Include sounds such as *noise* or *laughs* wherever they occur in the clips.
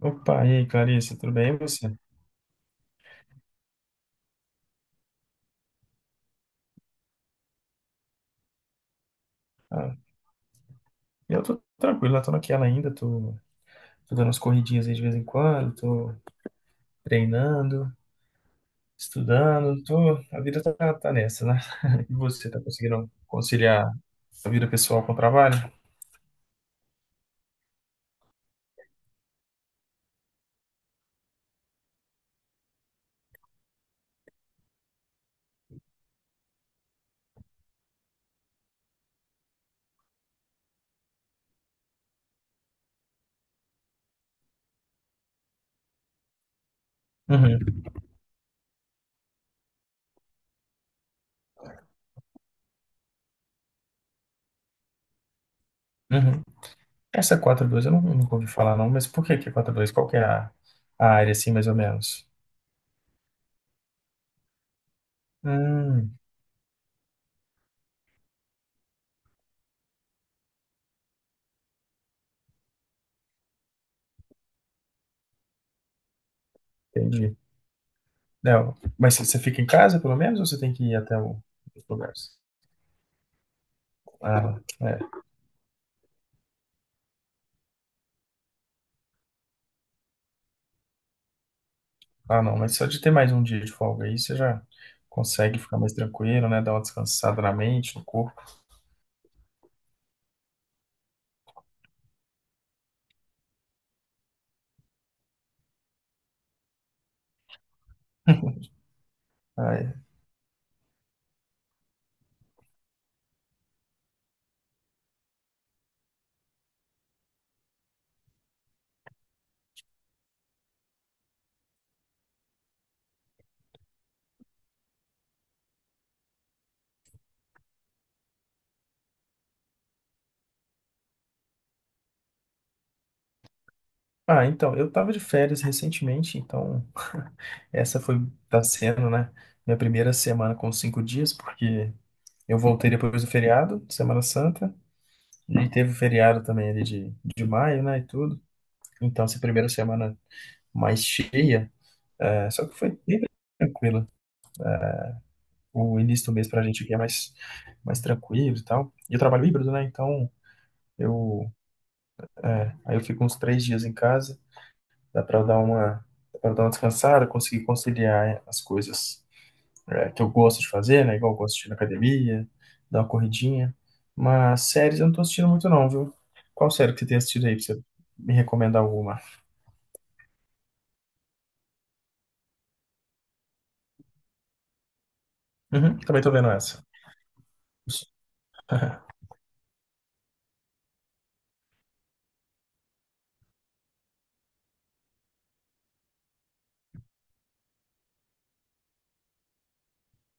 Opa, e aí, Clarice, tudo bem, e você? Eu tô tranquilo, eu tô naquela ainda, tô, tô dando umas corridinhas aí de vez em quando, tô treinando, estudando, tô, a vida tá, tá nessa, né? *laughs* E você, tá conseguindo conciliar a vida pessoal com o trabalho? Uhum, uhum. Essa quatro dois eu não, nunca ouvi falar não, mas por que que é 4-2? Qual que é a área, assim, mais ou menos? Hum, Entendi. Não, mas você fica em casa, pelo menos, ou você tem que ir até o- os lugares? Ah, é. Ah, não, mas só de ter mais um dia de folga aí, você já consegue ficar mais tranquilo, né? Dar uma descansada na mente, no corpo. *laughs* Ah, é. Ah, então, eu tava de férias recentemente, então essa foi, tá sendo, né, minha primeira semana com cinco dias, porque eu voltei depois do feriado, Semana Santa, e teve o feriado também ali de maio, né, e tudo. Então, essa primeira semana mais cheia, é, só que foi bem tranquila. O início do mês pra gente aqui é mais, mais tranquilo e tal. E eu trabalho híbrido, né, então eu, é, aí eu fico uns três dias em casa, dá pra eu dar uma, dá pra eu dar uma descansada, conseguir conciliar as coisas, é, que eu gosto de fazer, né? Igual eu gosto de ir na academia, dar uma corridinha. Mas séries eu não tô assistindo muito não, viu? Qual série que você tem assistido aí pra você me recomendar alguma? Uhum, também tô vendo essa. *laughs*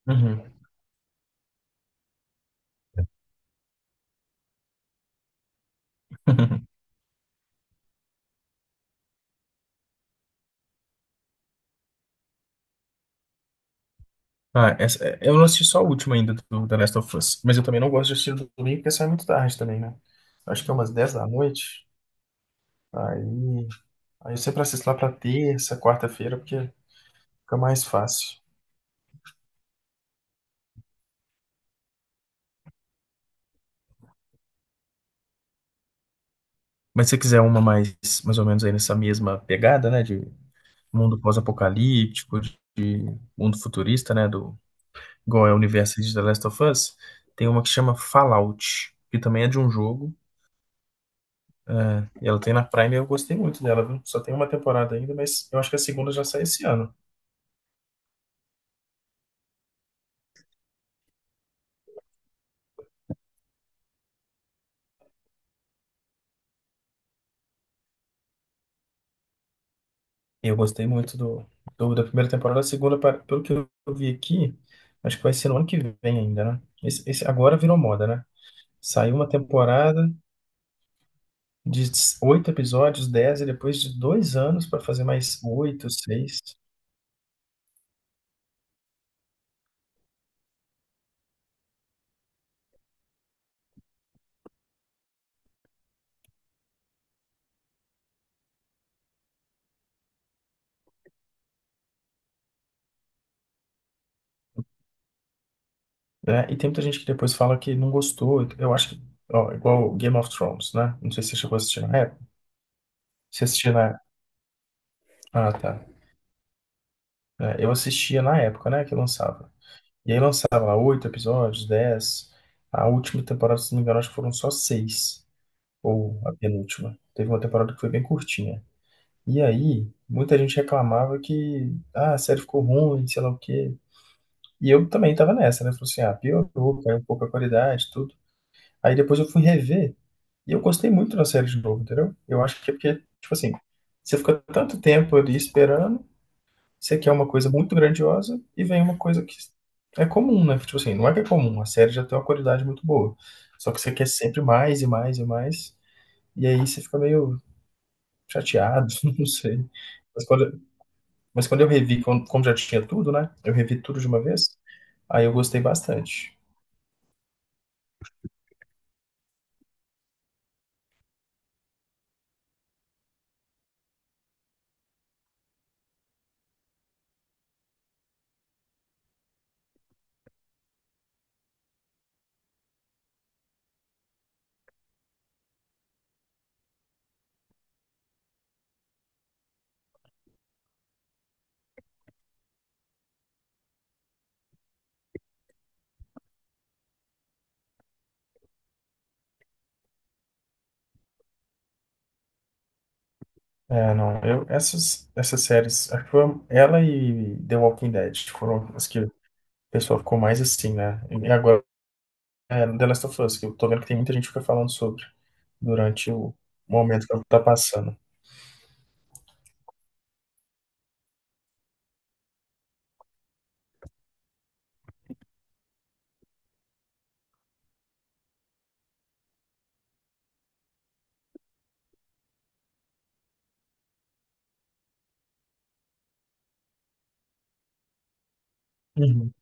Uhum. *laughs* Ah, essa, é- eu não assisti só a última ainda do The Last of Us, mas eu também não gosto de assistir no domingo porque sai muito tarde também, né? Acho que é umas 10 da noite. Aí. Aí eu sempre assisto lá pra terça, quarta-feira, porque fica mais fácil. Mas se você quiser uma mais, mais ou menos aí nessa mesma pegada, né? De mundo pós-apocalíptico, de mundo futurista, né? Do, igual é o universo de The Last of Us, tem uma que chama Fallout, que também é de um jogo. É, e ela tem na Prime e eu gostei muito dela, viu? Só tem uma temporada ainda, mas eu acho que a segunda já sai esse ano. E eu gostei muito do, do- da primeira temporada. A segunda, pa- pelo que eu vi aqui, acho que vai ser no ano que vem ainda, né? Esse agora virou moda, né? Saiu uma temporada de oito episódios, dez, e depois de dois anos para fazer mais oito, seis, né? E tem muita gente que depois fala que não gostou. Eu acho que, ó, igual Game of Thrones, né? Não sei se você chegou a assistir na época. Você assistia na. Ah, tá. É, eu assistia na época, né, que lançava. E aí lançava lá oito episódios, dez. A última temporada, se não me engano, acho que foram só seis, ou a penúltima. Teve uma temporada que foi bem curtinha. E aí, muita gente reclamava que ah, a série ficou ruim, sei lá o quê. E eu também tava nessa, né? Falei assim, ah, piorou, caiu um pouco a qualidade, tudo. Aí depois eu fui rever e eu gostei muito da série de novo, entendeu? Eu acho que é porque, tipo assim, você fica tanto tempo ali esperando, você quer uma coisa muito grandiosa e vem uma coisa que é comum, né? Tipo assim, não é que é comum, a série já tem uma qualidade muito boa. Só que você quer sempre mais e mais e mais, e aí você fica meio chateado, *laughs* não sei. Mas quando, mas quando eu revi, como como já tinha tudo, né? Eu revi tudo de uma vez, aí eu gostei bastante. É, não, eu, essas, essas séries, acho que foi ela e The Walking Dead foram as que o pessoal ficou mais assim, né? E agora é The Last of Us, que eu tô vendo que tem muita gente que fica falando sobre durante o momento que ela tá passando. Uhum.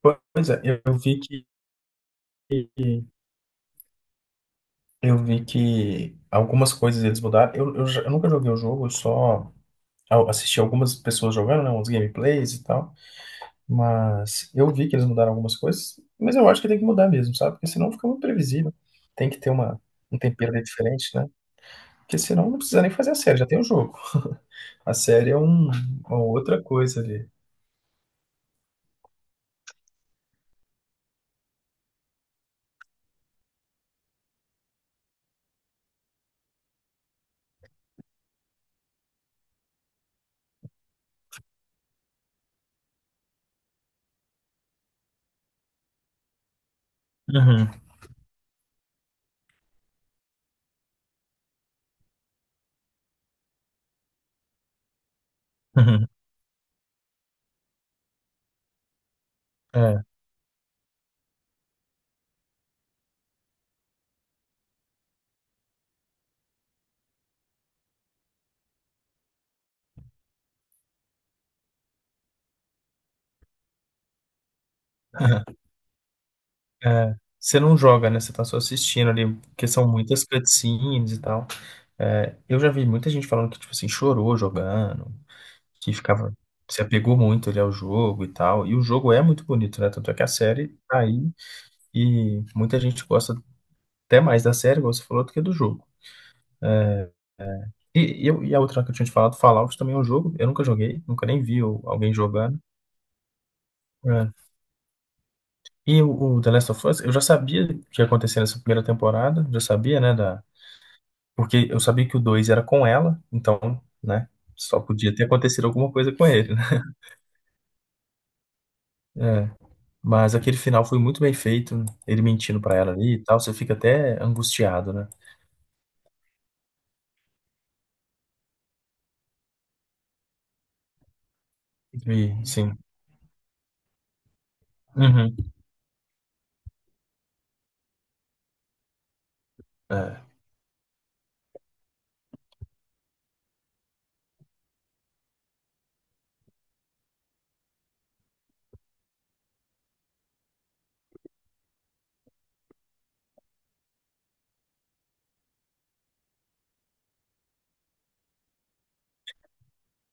Pois é, eu vi que eu vi que algumas coisas eles mudaram. Eu, já- eu nunca joguei o jogo, eu só a- assisti algumas pessoas jogando, né, uns gameplays e tal. Mas eu vi que eles mudaram algumas coisas, mas eu acho que tem que mudar mesmo, sabe? Porque senão fica muito previsível. Tem que ter uma, um tempero ali diferente, né? Porque senão não precisa nem fazer a série, já tem o jogo. A série é um, uma outra coisa ali. Uhum, uhum, é, *laughs* uhum, é. Você não joga, né? Você tá só assistindo ali, porque são muitas cutscenes e tal. É, eu já vi muita gente falando que, tipo assim, chorou jogando, que ficava, se apegou muito ali ao jogo e tal. E o jogo é muito bonito, né? Tanto é que a série tá aí e muita gente gosta até mais da série, igual você falou, do que do jogo. E eu, e a outra que eu tinha te falado, Fallout também é um jogo. Eu nunca joguei, nunca nem vi o- alguém jogando. É. E o The Last of Us, eu já sabia o que ia acontecer nessa primeira temporada, já sabia, né, da... porque eu sabia que o 2 era com ela, então, né, só podia ter acontecido alguma coisa com ele, né? É. Mas aquele final foi muito bem feito, ele mentindo pra ela ali e tal, você fica até angustiado, né? E, sim. Uhum. É.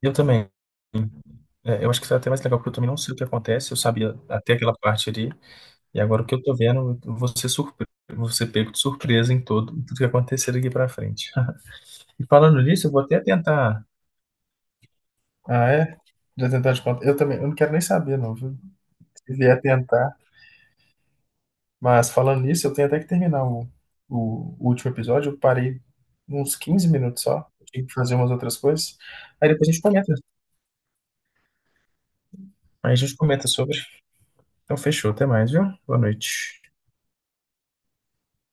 Eu também. É, eu acho que isso é até mais legal, porque eu também não sei o que acontece, eu sabia até aquela parte ali, e agora o que eu tô vendo, eu vou ser surpre... vou ser pego de surpresa em todo, em tudo que acontecer daqui pra frente. *laughs* E falando nisso, eu vou até tentar. Ah, é? Já tentar te contar. Eu também, eu não quero nem saber, não, viu? Se vier tentar. Mas falando nisso, eu tenho até que terminar o último episódio, eu parei uns 15 minutos só, eu tinha que fazer umas outras coisas. Aí depois a gente comenta. Aí a gente comenta sobre. Então fechou, até mais, viu? Boa noite.